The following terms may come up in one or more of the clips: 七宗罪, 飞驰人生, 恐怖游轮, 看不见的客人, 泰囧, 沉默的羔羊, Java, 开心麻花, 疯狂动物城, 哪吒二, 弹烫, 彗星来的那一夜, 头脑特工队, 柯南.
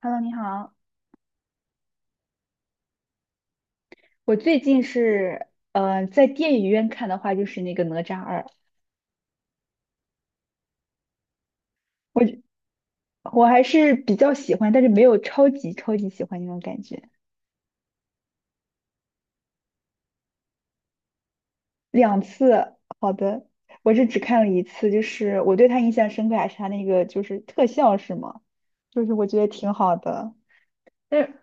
Hello，你好。我最近是，在电影院看的话，就是那个《哪吒二》，我我还是比较喜欢，但是没有超级超级喜欢那种感觉。两次，好的，我是只看了一次，就是我对他印象深刻还是他那个就是特效是吗？就是我觉得挺好的，但是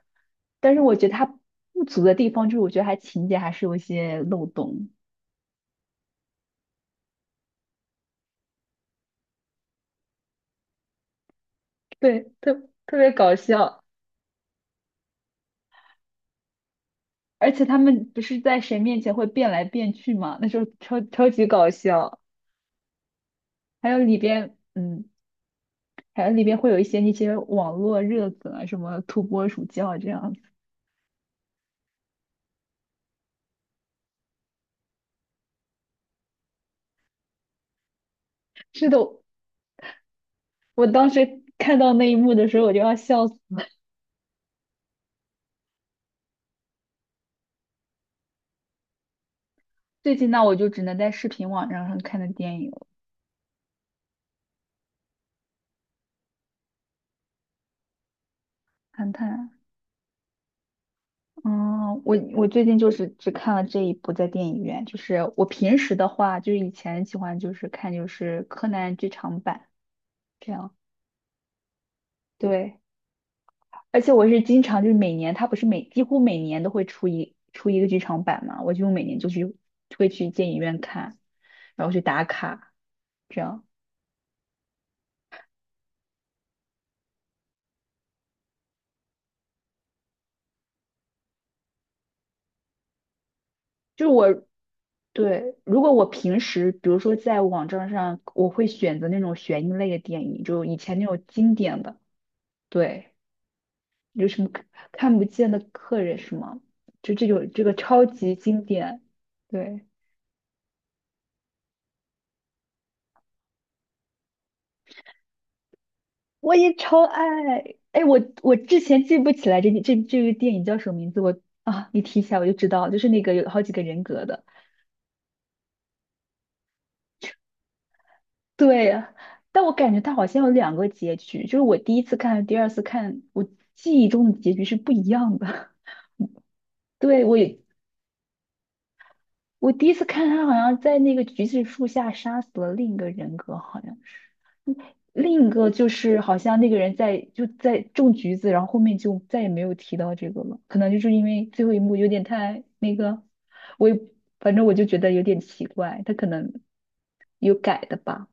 但是我觉得他不足的地方就是我觉得他情节还是有一些漏洞，对，特别搞笑。而且他们不是在谁面前会变来变去吗？那时候超超级搞笑。还有里边，还有里边会有一些那些网络热梗啊，什么土拨鼠叫啊这样子。是的，我当时看到那一幕的时候，我就要笑死了。最近那我就只能在视频网站上看的电影了，看看。嗯，我最近就是只看了这一部在电影院，就是我平时的话，就是以前喜欢就是看就是柯南剧场版这样，对。而且我是经常就是每年，它不是每几乎每年都会出一个剧场版嘛，我就每年就去会去电影院看，然后去打卡，这样就是我对，如果我平时比如说在网站上，我会选择那种悬疑类的电影，就以前那种经典的，对，有什么看看不见的客人是吗？就这种这个超级经典，对。我也超爱。哎，我之前记不起来这个电影叫什么名字，我啊，你提起来我就知道，就是那个有好几个人格的。对，但我感觉它好像有两个结局，就是我第一次看和第二次看，我记忆中的结局是不一样的。对，我第一次看他好像在那个橘子树下杀死了另一个人格，好像是。另一个就是好像那个人在就在种橘子，然后后面就再也没有提到这个了，可能就是因为最后一幕有点太那个，我也反正我就觉得有点奇怪，他可能有改的吧。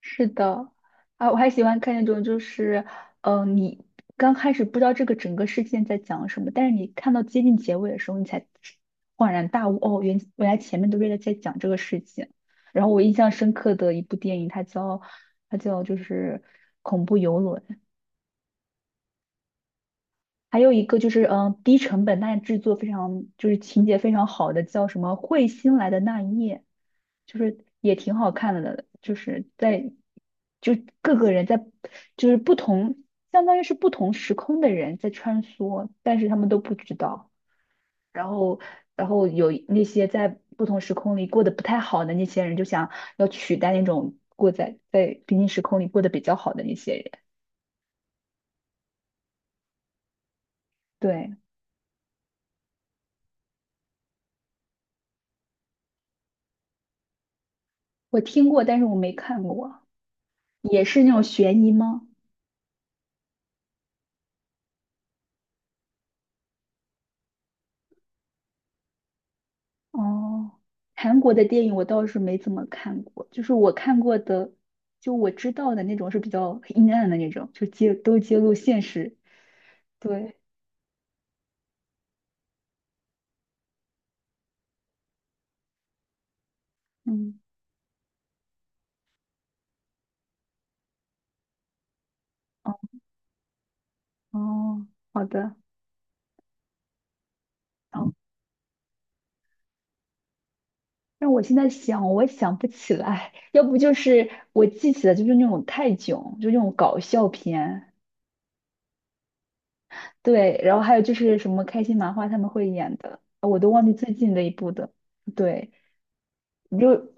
是的，啊，我还喜欢看那种，就是，嗯，你刚开始不知道这个整个事件在讲什么，但是你看到接近结尾的时候，你才恍然大悟，哦，原来前面都是在讲这个事情。然后我印象深刻的一部电影，它叫就是《恐怖游轮》，还有一个就是，嗯，低成本但是制作非常就是情节非常好的，叫什么《彗星来的那一夜》，就是也挺好看的，就是在就各个人在就是不同，相当于是不同时空的人在穿梭，但是他们都不知道。然后，然后有那些在不同时空里过得不太好的那些人，就想要取代那种过在平行时空里过得比较好的那些人。对，我听过，但是我没看过。也是那种悬疑吗？哦，韩国的电影我倒是没怎么看过，就是我看过的，就我知道的那种是比较阴暗的那种，就都揭露现实。对，嗯，哦哦好的，哦，让我现在想，我想不起来，要不就是我记起来就是那种泰囧，就那种搞笑片，对，然后还有就是什么开心麻花他们会演的，我都忘记最近的一部的，对。你就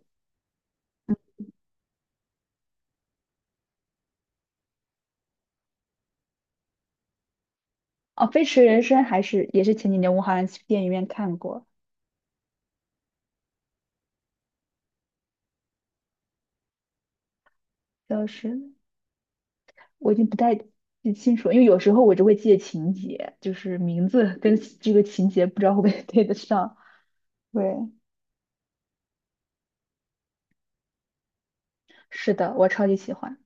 哦，《飞驰人生》还是也是前几年我好像去电影院看过，就是我已经不太记清楚了因为有时候我只会记得情节，就是名字跟这个情节不知道会不会 对得上。对，是的，我超级喜欢。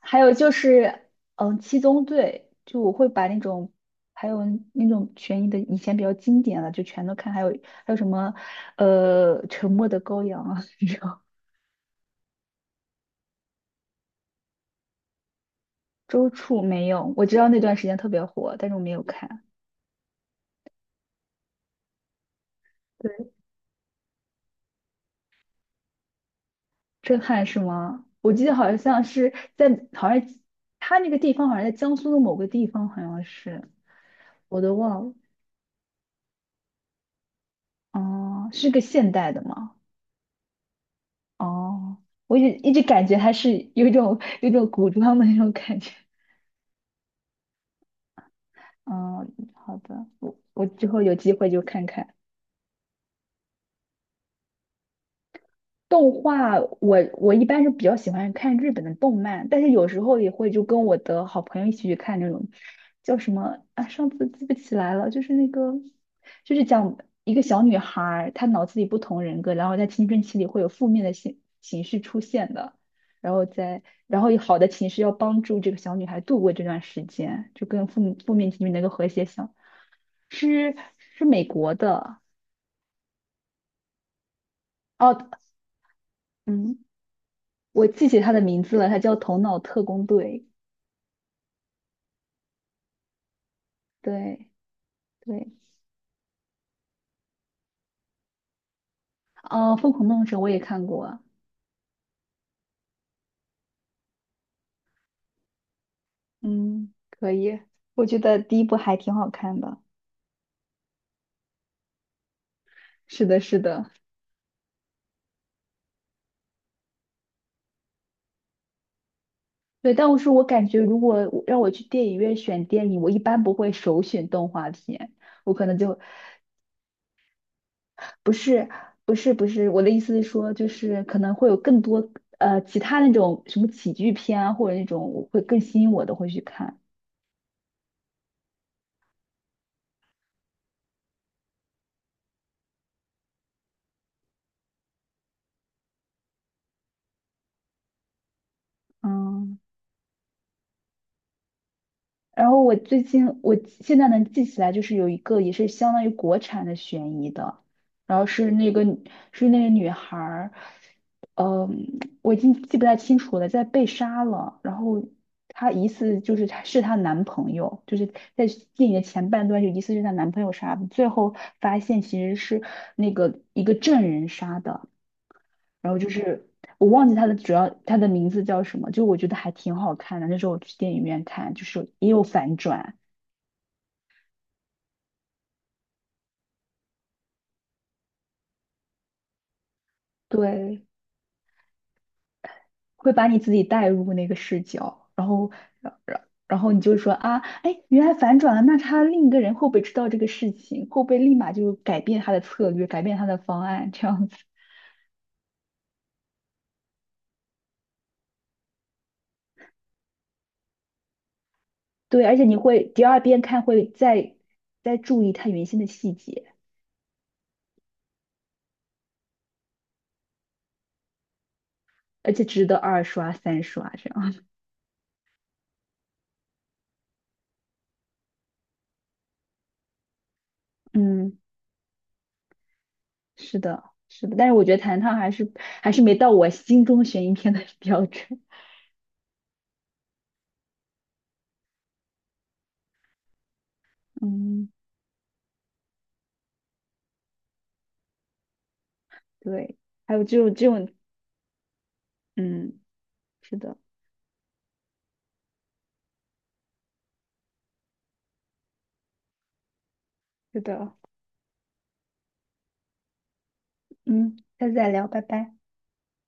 还有就是，嗯，《七宗罪》，就我会把那种，还有那种悬疑的以前比较经典的就全都看，还有还有什么，《沉默的羔羊》啊，这种。周处没有，我知道那段时间特别火，但是我没有看。对。震撼是吗？我记得好像是在，好像他那个地方好像在江苏的某个地方，好像是，我都忘了。哦，是个现代的吗？哦，我一直感觉它是有一种古装的那种感觉。嗯，好的，我之后有机会就看看。动画，我一般是比较喜欢看日本的动漫，但是有时候也会就跟我的好朋友一起去看那种叫什么啊，上次记不起来了，就是那个就是讲一个小女孩儿，她脑子里不同人格，然后在青春期里会有负面的情绪出现的，然后在然后有好的情绪要帮助这个小女孩度过这段时间，就跟负面情绪能够和谐相，是美国的哦，嗯。我记起他的名字了，他叫《头脑特工队》。对对，哦，《疯狂动物城》我也看过。嗯，可以，我觉得第一部还挺好看的。是的，是的，对。但我是我感觉，如果我让我去电影院选电影，我一般不会首选动画片，我可能就不是不是，我的意思是说，就是可能会有更多其他那种什么喜剧片啊，或者那种我会更吸引我的会去看。嗯。然后我最近我现在能记起来，就是有一个也是相当于国产的悬疑的，然后是那个女孩儿，嗯，我已经记不太清楚了，在被杀了，然后她疑似就是她是她男朋友，就是在电影的前半段就疑似是她男朋友杀的，最后发现其实是那个一个证人杀的，然后就是我忘记他的主要他的名字叫什么，就我觉得还挺好看的。那时候我去电影院看，就是也有反转，对，会把你自己带入那个视角，然后，然后你就说啊，哎，原来反转了，那他另一个人会不会知道这个事情？会不会立马就改变他的策略，改变他的方案这样子？对，而且你会第二遍看会再注意他原先的细节，而且值得二刷、三刷这样。嗯，是的，是的，但是我觉得《弹烫》还是还是没到我心中悬疑片的 标准。嗯，对，还有这种，嗯，是的，是的。嗯，下次再聊，拜拜。